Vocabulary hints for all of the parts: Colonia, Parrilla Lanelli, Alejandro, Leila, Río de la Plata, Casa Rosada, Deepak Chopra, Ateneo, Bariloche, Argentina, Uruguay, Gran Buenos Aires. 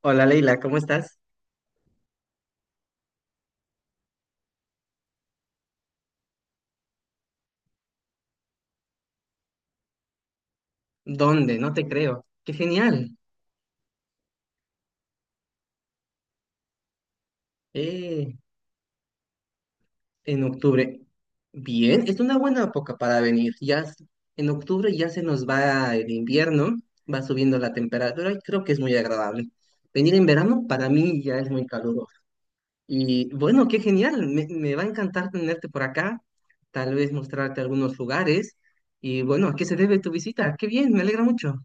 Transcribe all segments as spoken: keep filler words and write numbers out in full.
Hola Leila, ¿cómo estás? ¿Dónde? No te creo. ¡Qué genial! Eh, en octubre. Bien, es una buena época para venir. Ya s- en octubre ya se nos va el invierno, va subiendo la temperatura y creo que es muy agradable. Venir en verano para mí ya es muy caluroso. Y bueno, qué genial. Me, me va a encantar tenerte por acá, tal vez mostrarte algunos lugares. Y bueno, ¿a qué se debe tu visita? ¡Qué bien! Me alegra mucho.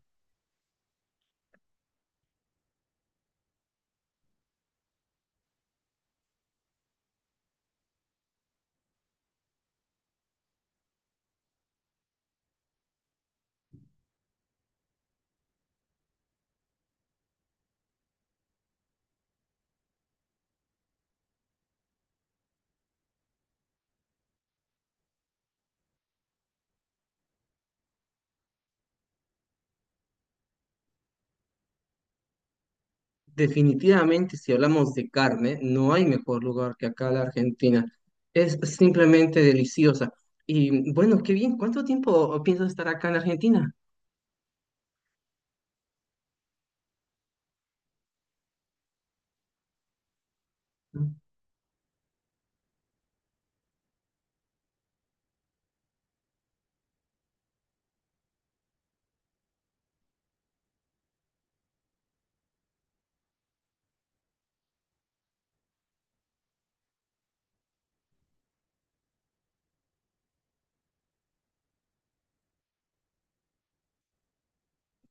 Definitivamente, si hablamos de carne, no hay mejor lugar que acá la Argentina. Es simplemente deliciosa. Y bueno, qué bien. ¿Cuánto tiempo piensas estar acá en Argentina?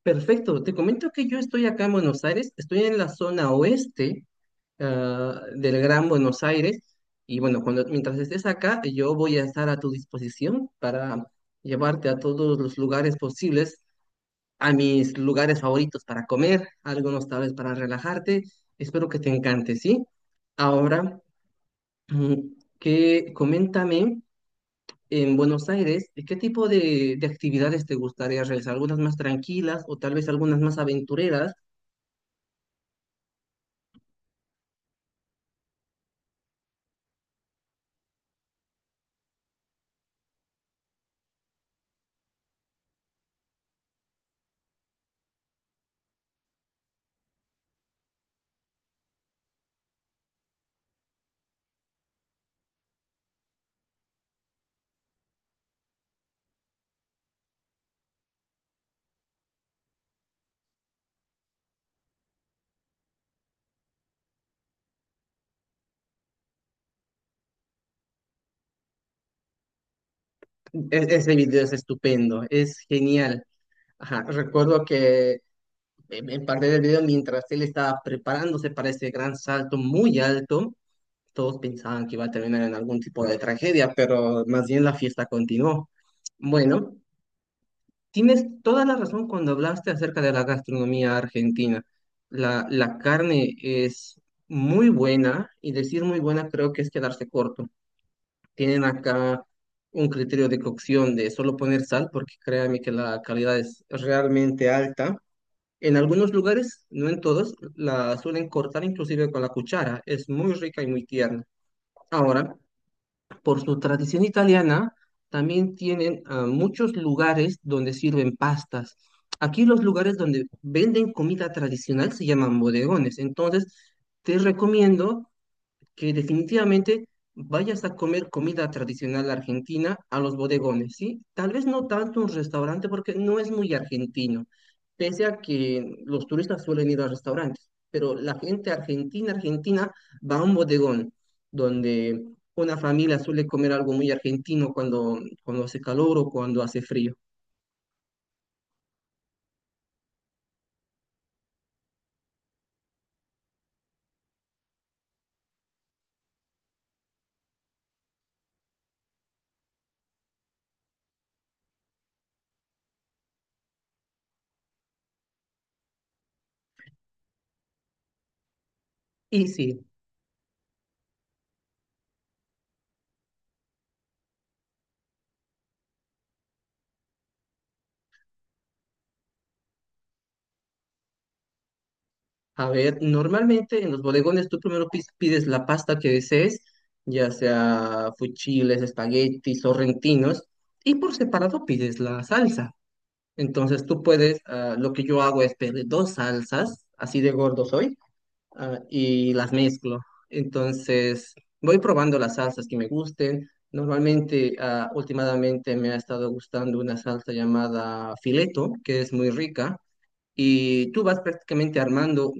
Perfecto. Te comento que yo estoy acá en Buenos Aires. Estoy en la zona oeste, ah, del Gran Buenos Aires. Y bueno, cuando, mientras estés acá, yo voy a estar a tu disposición para llevarte a todos los lugares posibles, a mis lugares favoritos para comer, algunos tal vez para relajarte. Espero que te encante, ¿sí? Ahora, mm, que coméntame, en Buenos Aires, ¿de ¿qué tipo de, de actividades te gustaría realizar? ¿Algunas más tranquilas o tal vez algunas más aventureras? E- ese video es estupendo, es genial. Ajá, recuerdo que me me parte del video mientras él estaba preparándose para ese gran salto muy alto. Todos pensaban que iba a terminar en algún tipo de tragedia, pero más bien la fiesta continuó. Bueno, tienes toda la razón cuando hablaste acerca de la gastronomía argentina. La, la carne es muy buena, y decir muy buena creo que es quedarse corto. Tienen acá un criterio de cocción de solo poner sal porque créanme que la calidad es realmente alta. En algunos lugares, no en todos, la suelen cortar inclusive con la cuchara. Es muy rica y muy tierna. Ahora, por su tradición italiana, también tienen ah, muchos lugares donde sirven pastas. Aquí los lugares donde venden comida tradicional se llaman bodegones. Entonces, te recomiendo que definitivamente vayas a comer comida tradicional argentina a los bodegones, ¿sí? Tal vez no tanto un restaurante porque no es muy argentino, pese a que los turistas suelen ir a restaurantes, pero la gente argentina, argentina va a un bodegón donde una familia suele comer algo muy argentino cuando, cuando hace calor o cuando hace frío. Y sí. A ver, normalmente en los bodegones tú primero pis- pides la pasta que desees, ya sea fuchiles, espaguetis, sorrentinos, y por separado pides la salsa. Entonces tú puedes, ah, lo que yo hago es pedir dos salsas, así de gordo soy, ah, y las mezclo. Entonces voy probando las salsas que me gusten. Normalmente, ah, últimamente me ha estado gustando una salsa llamada fileto, que es muy rica, y tú vas prácticamente armando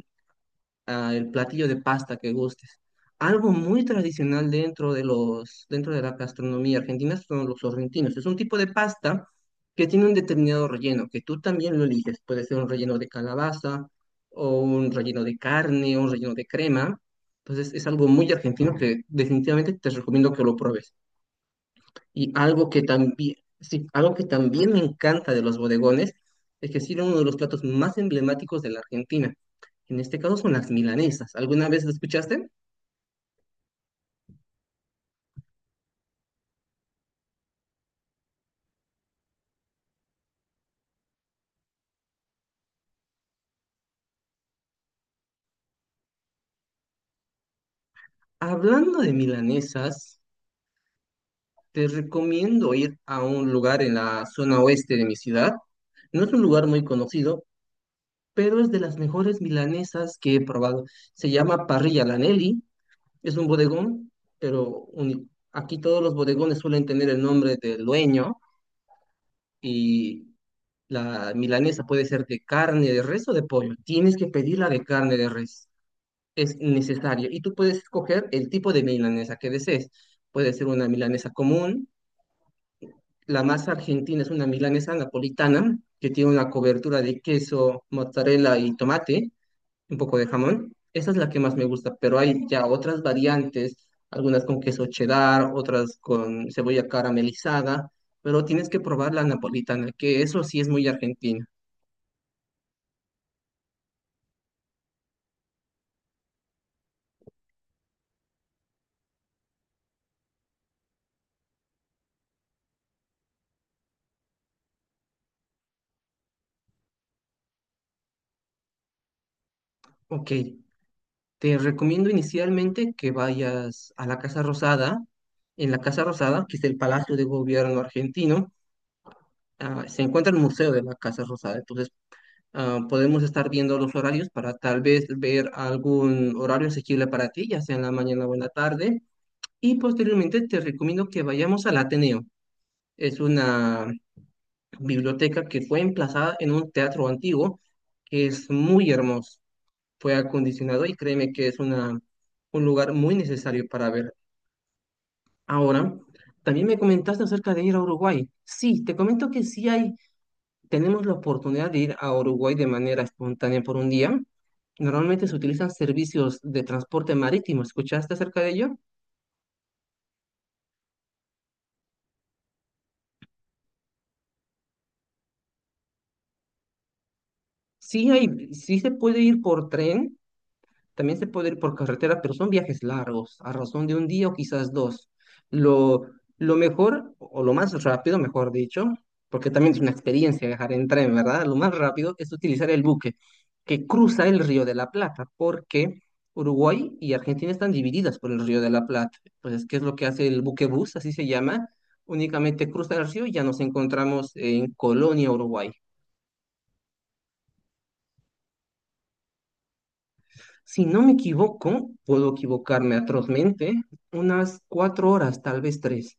ah, el platillo de pasta que gustes. Algo muy tradicional dentro de los, dentro de la gastronomía argentina son los sorrentinos. Es un tipo de pasta que tiene un determinado relleno, que tú también lo eliges. Puede ser un relleno de calabaza, o un relleno de carne, o un relleno de crema. Entonces es algo muy argentino que definitivamente te recomiendo que lo pruebes. Y algo que también, sí, algo que también me encanta de los bodegones es que sirven uno de los platos más emblemáticos de la Argentina. En este caso son las milanesas. ¿Alguna vez lo escuchaste? Hablando de milanesas, te recomiendo ir a un lugar en la zona oeste de mi ciudad. No es un lugar muy conocido, pero es de las mejores milanesas que he probado. Se llama Parrilla Lanelli. Es un bodegón, pero uni- aquí todos los bodegones suelen tener el nombre del dueño, y la milanesa puede ser de carne de res o de pollo. Tienes que pedirla de carne de res. Es necesario. Y tú puedes escoger el tipo de milanesa que desees. Puede ser una milanesa común. La más argentina es una milanesa napolitana que tiene una cobertura de queso, mozzarella y tomate, un poco de jamón. Esa es la que más me gusta, pero hay ya otras variantes, algunas con queso cheddar, otras con cebolla caramelizada, pero tienes que probar la napolitana, que eso sí es muy argentina. Ok, te recomiendo inicialmente que vayas a la Casa Rosada. En la Casa Rosada, que es el Palacio de Gobierno argentino, ah, se encuentra el Museo de la Casa Rosada. Entonces, ah, podemos estar viendo los horarios para tal vez ver algún horario asequible para ti, ya sea en la mañana o en la tarde. Y posteriormente te recomiendo que vayamos al Ateneo. Es una biblioteca que fue emplazada en un teatro antiguo que es muy hermoso, fue acondicionado y créeme que es una, un lugar muy necesario para ver. Ahora, también me comentaste acerca de ir a Uruguay. Sí, te comento que sí hay, tenemos la oportunidad de ir a Uruguay de manera espontánea por un día. Normalmente se utilizan servicios de transporte marítimo. ¿Escuchaste acerca de ello? Sí hay, sí se puede ir por tren. También se puede ir por carretera, pero son viajes largos, a razón de un día o quizás dos. Lo, lo mejor, o lo más rápido, mejor dicho, porque también es una experiencia viajar en tren, ¿verdad? Lo más rápido es utilizar el buque que cruza el Río de la Plata, porque Uruguay y Argentina están divididas por el Río de la Plata. Entonces, ¿qué es lo que hace el buque bus? Así se llama. Únicamente cruza el río y ya nos encontramos en Colonia, Uruguay. Si no me equivoco, puedo equivocarme atrozmente, unas cuatro horas, tal vez tres.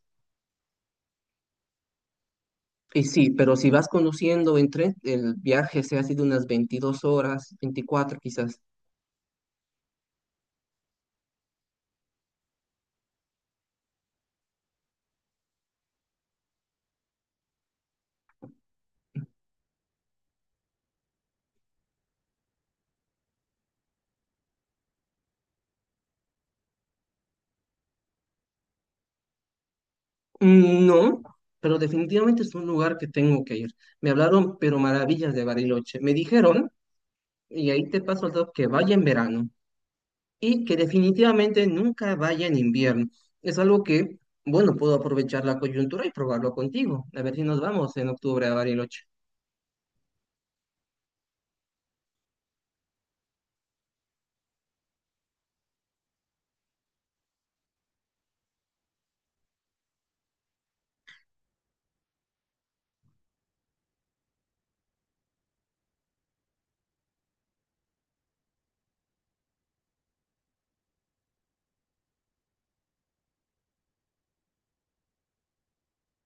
Y sí, pero si vas conduciendo en tren, el viaje se ha sido unas veintidós horas, veinticuatro quizás. Mm, No, pero definitivamente es un lugar que tengo que ir. Me hablaron, pero maravillas de Bariloche. Me dijeron, y ahí te paso el dato, que vaya en verano y que definitivamente nunca vaya en invierno. Es algo que, bueno, puedo aprovechar la coyuntura y probarlo contigo. A ver si nos vamos en octubre a Bariloche.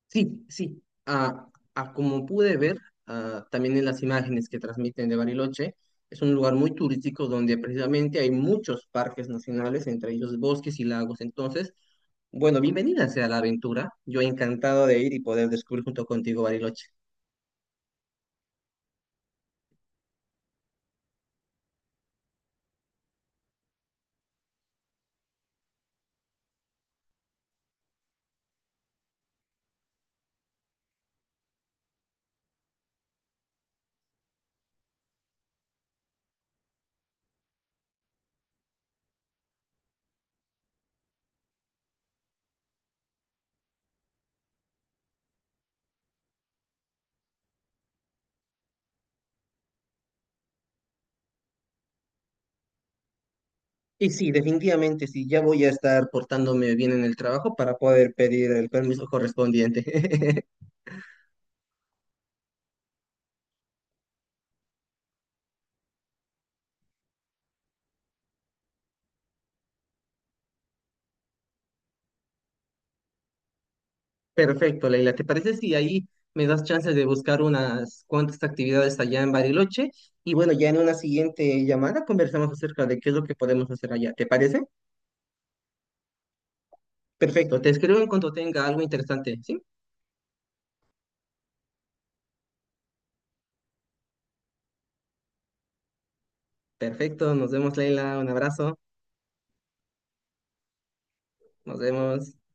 Sí, sí. Ah, ah, como pude ver, ah, también en las imágenes que transmiten de Bariloche, es un lugar muy turístico donde precisamente hay muchos parques nacionales, entre ellos bosques y lagos. Entonces, bueno, bienvenida sea la aventura. Yo encantado de ir y poder descubrir junto contigo Bariloche. Y sí, definitivamente sí, ya voy a estar portándome bien en el trabajo para poder pedir el permiso correspondiente. Perfecto, Leila. ¿Te parece si ahí me das chance de buscar unas cuantas actividades allá en Bariloche? Y bueno, ya en una siguiente llamada conversamos acerca de qué es lo que podemos hacer allá. ¿Te parece? Perfecto. Te escribo en cuanto tenga algo interesante. ¿Sí? Perfecto. Nos vemos, Leila. Un abrazo. Nos vemos.